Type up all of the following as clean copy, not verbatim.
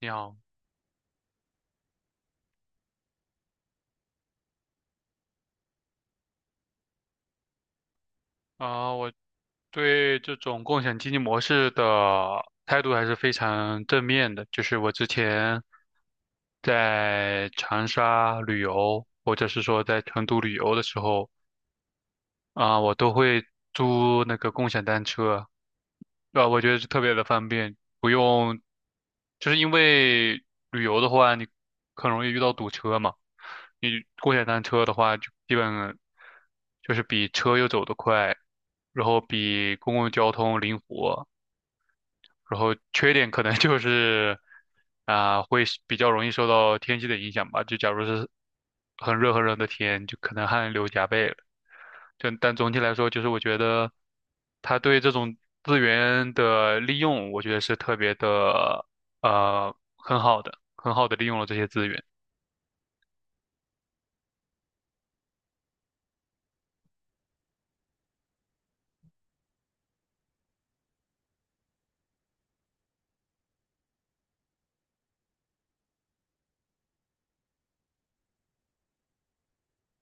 你好，我对这种共享经济模式的态度还是非常正面的。就是我之前在长沙旅游，或者是说在成都旅游的时候，我都会租那个共享单车，对吧？我觉得是特别的方便，不用，就是因为旅游的话，你很容易遇到堵车嘛。你共享单车的话，就基本就是比车又走得快，然后比公共交通灵活，然后缺点可能就是会是比较容易受到天气的影响吧。就假如是很热很热的天，就可能汗流浃背了。就但总体来说，就是我觉得他对这种资源的利用，我觉得是特别的很好的，很好的利用了这些资源。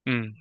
嗯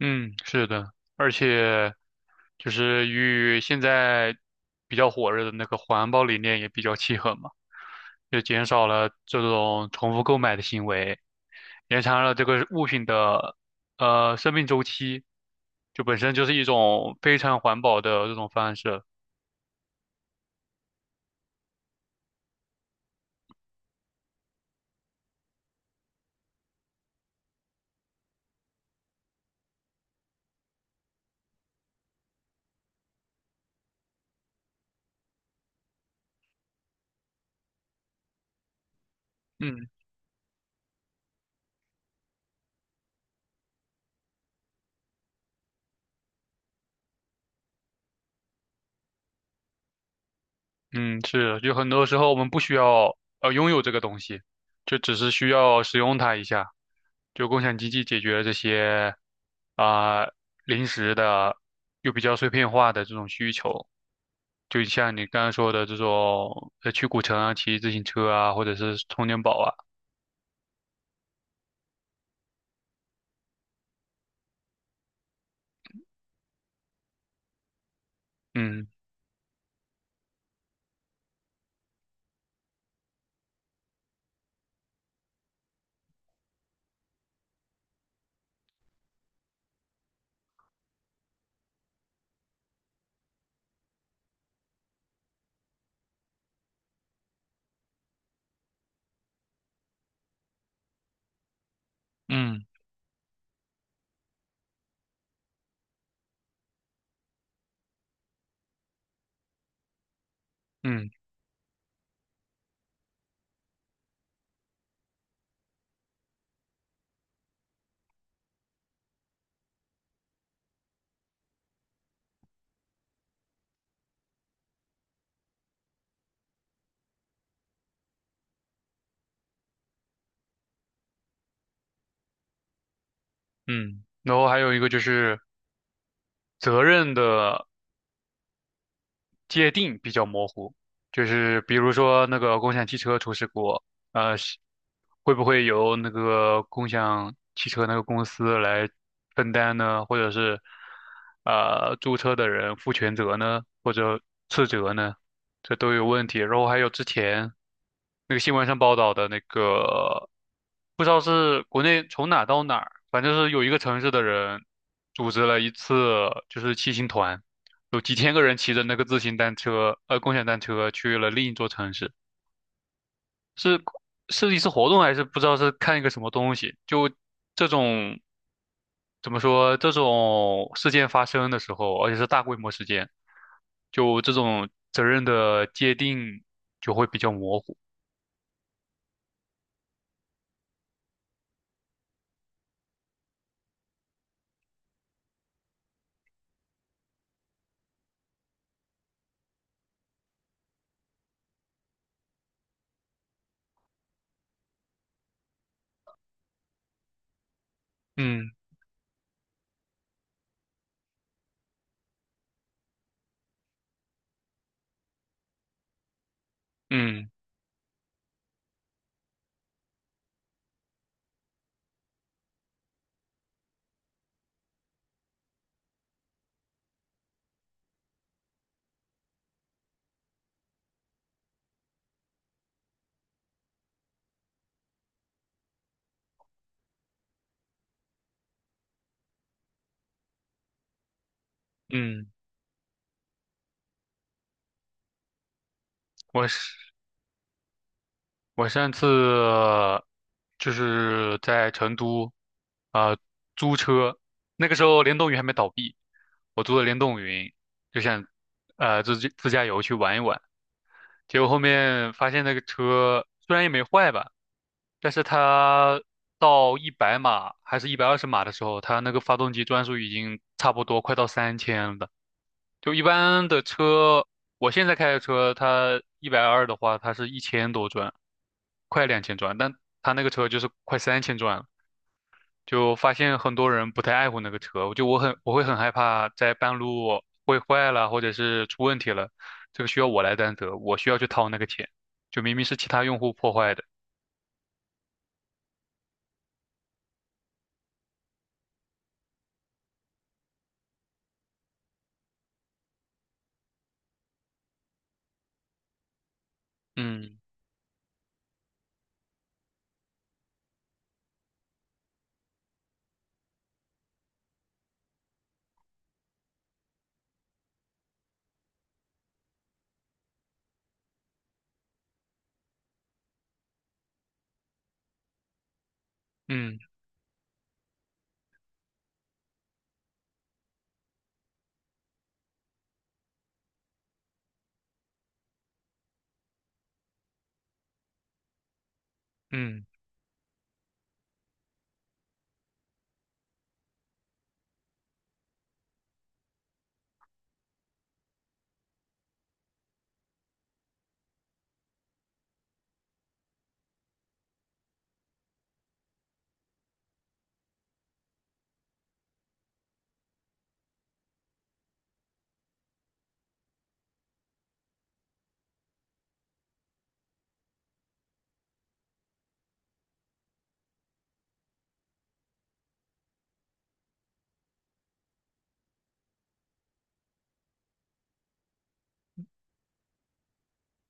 嗯，是的，而且就是与现在比较火热的那个环保理念也比较契合嘛。就减少了这种重复购买的行为，延长了这个物品的生命周期，就本身就是一种非常环保的这种方式。嗯嗯，是，就很多时候我们不需要拥有这个东西，就只是需要使用它一下。就共享经济解决了这些啊、临时的又比较碎片化的这种需求。就像你刚刚说的这种，去古城啊，骑自行车啊，或者是充电宝啊，嗯嗯嗯嗯，然后还有一个就是责任的界定比较模糊，就是比如说那个共享汽车出事故，是会不会由那个共享汽车那个公司来分担呢？或者是租车的人负全责呢？或者次责呢？这都有问题。然后还有之前那个新闻上报道的那个，不知道是国内从哪到哪儿，反正是有一个城市的人组织了一次就是骑行团，有几千个人骑着那个自行单车，共享单车去了另一座城市，是是一次活动还是不知道是看一个什么东西？就这种怎么说，这种事件发生的时候，而且是大规模事件，就这种责任的界定就会比较模糊。嗯嗯嗯。我是我上次就是在成都，啊呃租车，那个时候联动云还没倒闭，我租的联动云，就想自己自驾游去玩一玩。结果后面发现那个车虽然也没坏吧，但是它到一百码还是一百二十码的时候，它那个发动机转速已经差不多快到三千了。就一般的车，我现在开的车，它一百二的话，它是一千多转，快两千转，但它那个车就是快三千转了。就发现很多人不太爱护那个车，我会很害怕在半路会坏了，或者是出问题了，这个需要我来担责，我需要去掏那个钱，就明明是其他用户破坏的。嗯嗯嗯。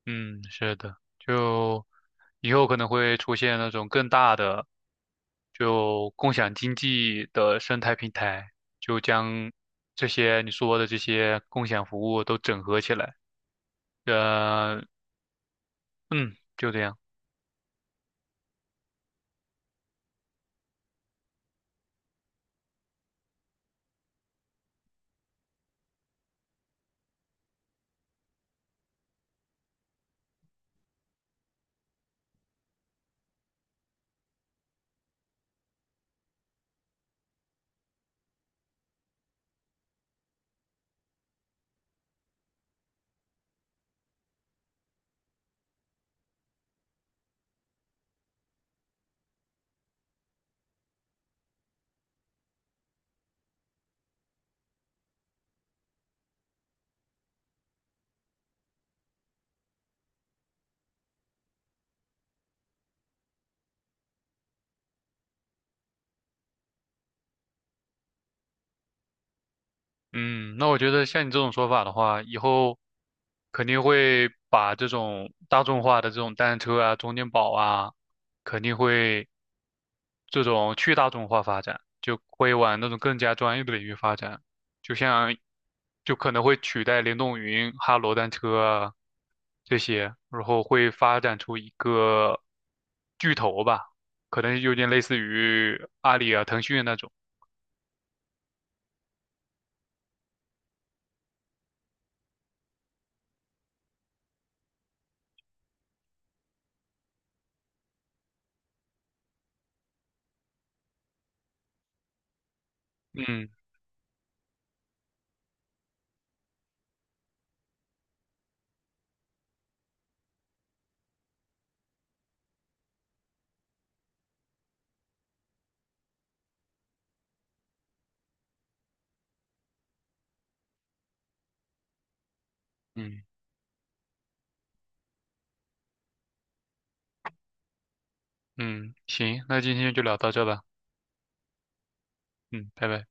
嗯，是的，就以后可能会出现那种更大的，就共享经济的生态平台，就将这些你说的这些共享服务都整合起来。呃，嗯，就这样。嗯，那我觉得像你这种说法的话，以后肯定会把这种大众化的这种单车啊、充电宝啊，肯定会。这种去大众化发展，就会往那种更加专业的领域发展，就像就可能会取代联动云、哈罗单车啊这些，然后会发展出一个巨头吧，可能有点类似于阿里啊、腾讯那种。嗯嗯嗯，行，那今天就聊到这吧。嗯，拜拜。